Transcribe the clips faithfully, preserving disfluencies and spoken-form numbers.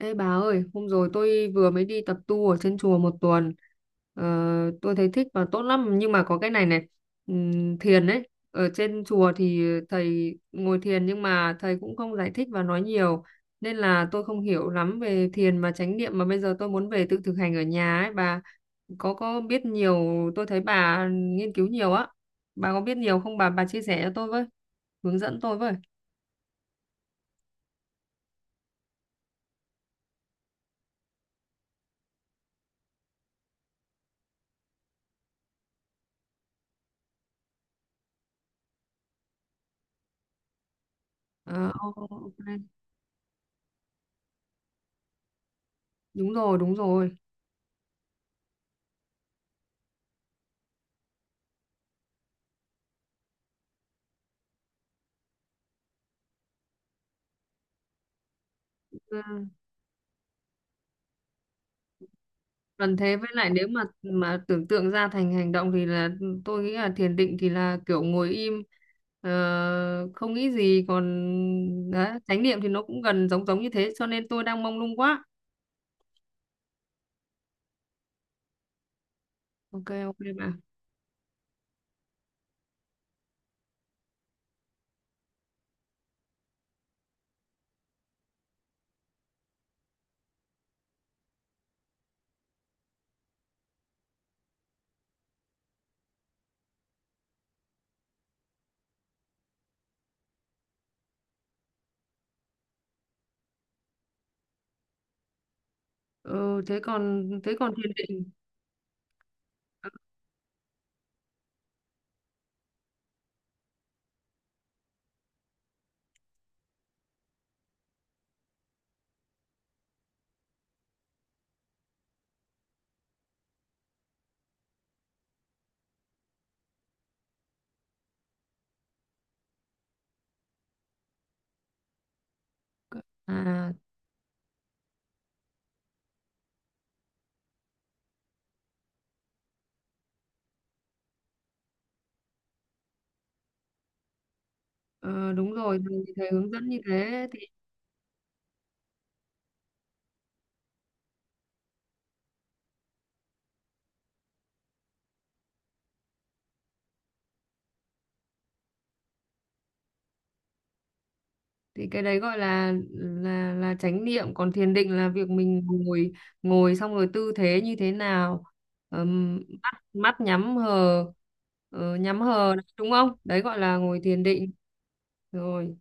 Ê bà ơi, hôm rồi tôi vừa mới đi tập tu ở trên chùa một tuần. Ờ, tôi thấy thích và tốt lắm, nhưng mà có cái này này, ừm, thiền ấy. Ở trên chùa thì thầy ngồi thiền nhưng mà thầy cũng không giải thích và nói nhiều, nên là tôi không hiểu lắm về thiền và chánh niệm, mà bây giờ tôi muốn về tự thực hành ở nhà ấy. Bà có có biết nhiều, tôi thấy bà nghiên cứu nhiều á. Bà có biết nhiều không bà bà chia sẻ cho tôi với, hướng dẫn tôi với. Ờ, ok, ok. Đúng rồi, đúng rồi. Còn thế, với lại nếu mà mà tưởng tượng ra thành hành động thì là tôi nghĩ là thiền định thì là kiểu ngồi im, ờ, không nghĩ gì, còn đấy, chánh niệm thì nó cũng gần giống giống như thế, cho nên tôi đang mông lung quá. Ok ok bạn. Ừ, thế còn thế còn thiền định. À, ờ, đúng rồi thầy, thầy hướng dẫn như thế. Thì cái đấy gọi là là là chánh niệm, còn thiền định là việc mình ngồi, ngồi xong rồi tư thế như thế nào, ừm, mắt mắt nhắm hờ, ờ, nhắm hờ đấy, đúng không, đấy gọi là ngồi thiền định. Rồi.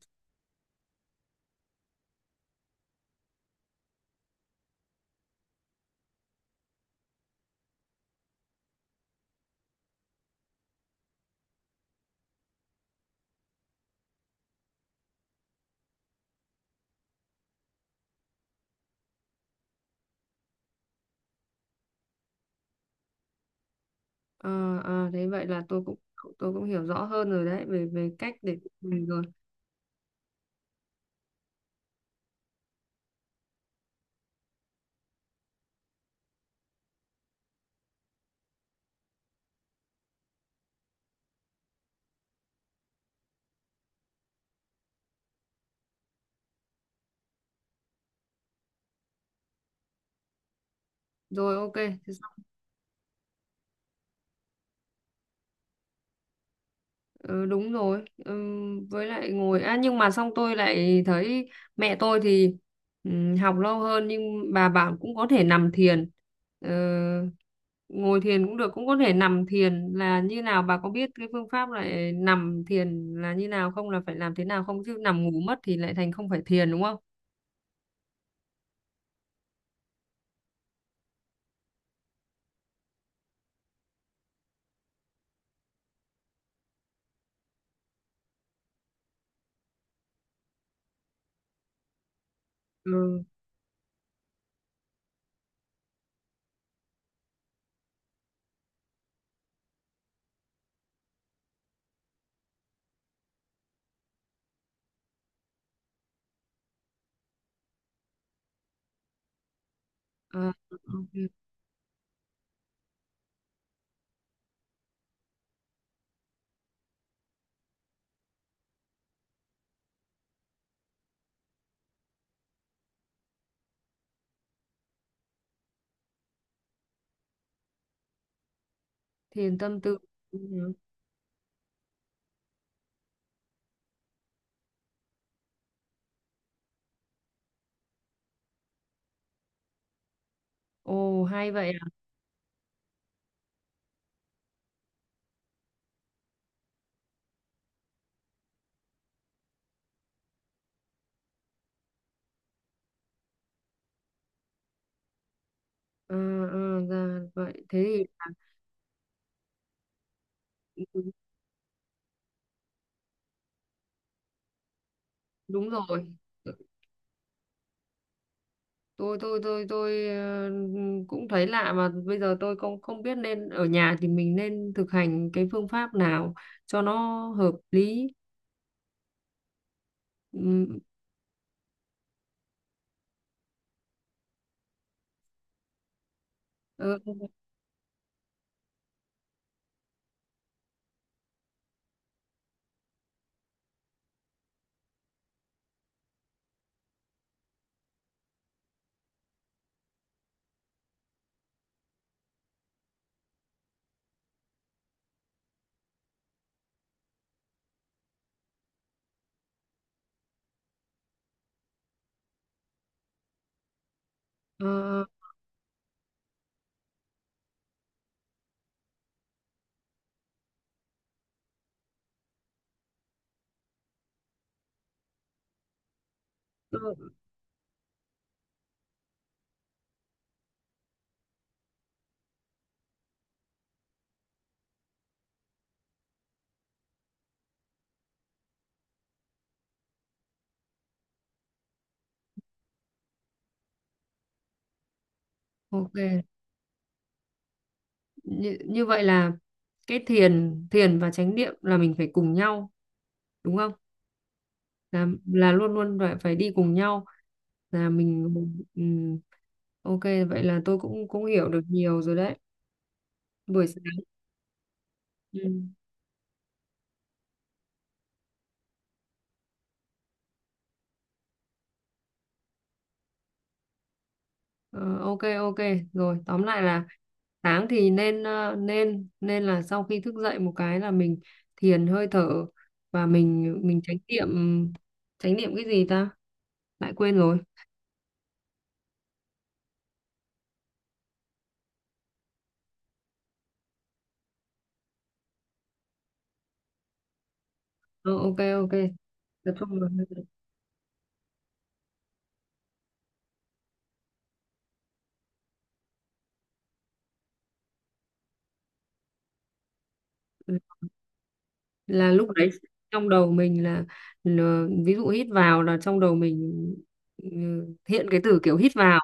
À, à, thế vậy là tôi cũng tôi cũng hiểu rõ hơn rồi đấy về về cách để mình. Rồi, rồi, ok. Thế. Ừ, đúng rồi, ừ, với lại ngồi, à, nhưng mà xong tôi lại thấy mẹ tôi thì ừ, học lâu hơn nhưng bà bảo cũng có thể nằm thiền. Ờ, ngồi thiền cũng được, cũng có thể nằm thiền là như nào, bà có biết cái phương pháp lại nằm thiền là như nào không, là phải làm thế nào không, chứ nằm ngủ mất thì lại thành không phải thiền, đúng không? Ừ. à, ok. Thiền tâm tư. Ừ. Ồ hay vậy à, à, à ra vậy. Thế thì à, đúng rồi. Tôi tôi tôi tôi ờ, cũng thấy lạ, mà bây giờ tôi không không biết nên ở nhà thì mình nên thực hành cái phương pháp nào cho nó hợp lý. Ừm, ờ, ờ, ờ, ok. Như, như vậy là cái thiền thiền và chánh niệm là mình phải cùng nhau, đúng không, là là luôn luôn phải phải đi cùng nhau, là mình. Ừm, ok, vậy là tôi cũng cũng hiểu được nhiều rồi đấy. Buổi sáng. Ừ. Ờ, ok ok, rồi, tóm lại là sáng thì nên ờ, nên nên là sau khi thức dậy một cái là mình thiền hơi thở, và mình mình chánh niệm. Chánh niệm cái gì ta, lại quên rồi. Ờ, ok ok, tập trung vào hơi thở. Ừ, là lúc đấy trong đầu mình là, là, ví dụ hít vào là trong đầu mình ừ, hiện cái từ kiểu hít vào.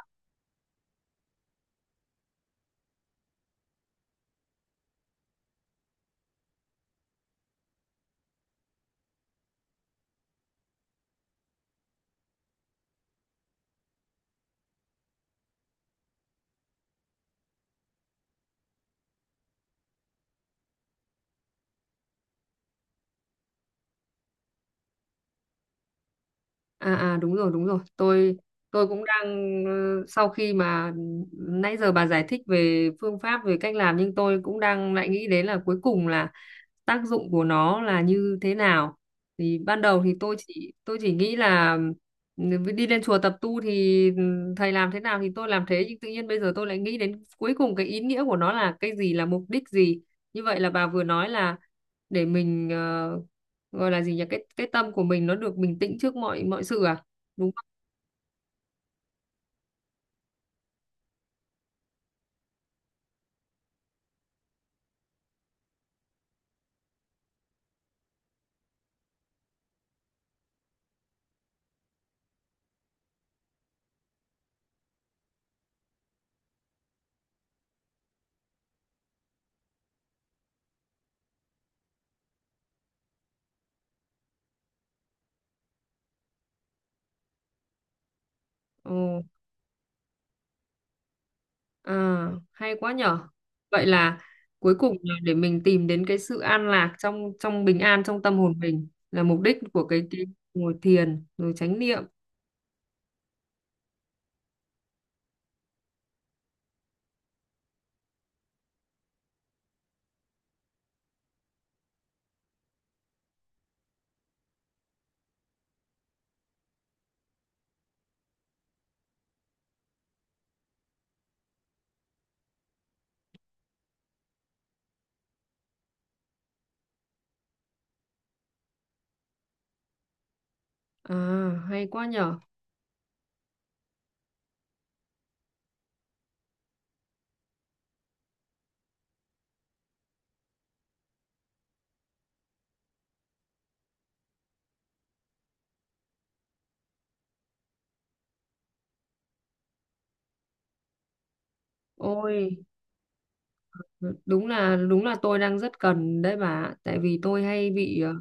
À, à, đúng rồi, đúng rồi. Tôi tôi cũng đang, ờ, sau khi mà nãy giờ bà giải thích về phương pháp, về cách làm, nhưng tôi cũng đang lại nghĩ đến là cuối cùng là tác dụng của nó là như thế nào. Thì ban đầu thì tôi chỉ tôi chỉ nghĩ là ừ, đi lên chùa tập tu thì ừ, thầy làm thế nào thì tôi làm thế, nhưng tự nhiên bây giờ tôi lại nghĩ đến cuối cùng cái ý nghĩa của nó là cái gì, là mục đích gì. Như vậy là bà vừa nói là để mình, ờ, gọi là gì nhỉ, cái cái tâm của mình nó được bình tĩnh trước mọi mọi sự à, đúng không? Ồ, à hay quá nhở. Vậy là cuối cùng là để mình tìm đến cái sự an lạc, trong trong bình an trong tâm hồn mình là mục đích của cái, cái ngồi thiền rồi chánh niệm. À hay quá nhở. Ôi đúng là đúng là tôi đang rất cần đấy bà. Tại vì tôi hay bị, ờ,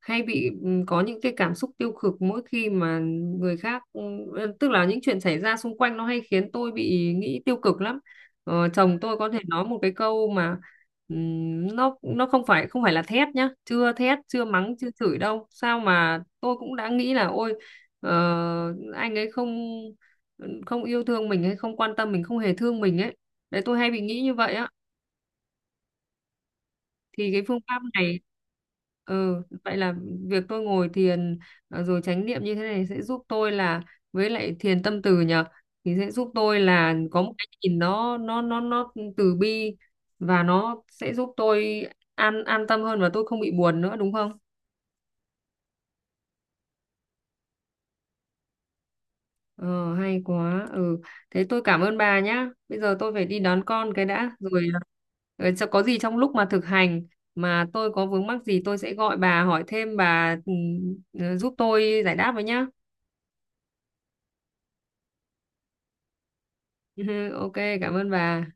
hay bị, ừ, có những cái cảm xúc tiêu cực mỗi khi mà người khác, ừ, tức là những chuyện xảy ra xung quanh nó hay khiến tôi bị nghĩ tiêu cực lắm. Ờ, chồng tôi có thể nói một cái câu mà, ừm, nó nó không phải không phải là thét nhá, chưa thét, chưa mắng, chưa chửi đâu, sao mà tôi cũng đã nghĩ là ôi, ờ, anh ấy không không yêu thương mình, hay không quan tâm mình, không hề thương mình ấy. Đấy tôi hay bị nghĩ như vậy á. Thì cái phương pháp này, ừ, vậy là việc tôi ngồi thiền, ờ, rồi chánh niệm như thế này sẽ giúp tôi là, với lại thiền tâm từ nhờ, thì sẽ giúp tôi là có một cái nhìn nó nó nó nó từ bi, và nó sẽ giúp tôi an an tâm hơn và tôi không bị buồn nữa, đúng không? Ờ, hay quá. Ừ, thế tôi cảm ơn bà nhá. Bây giờ tôi phải đi đón con cái đã. Rồi, rồi, cho- có gì trong lúc mà thực hành mà tôi có vướng mắc gì tôi sẽ gọi bà hỏi thêm, bà ừ, ờ, giúp tôi giải đáp với nhá. Ok, cảm ơn bà.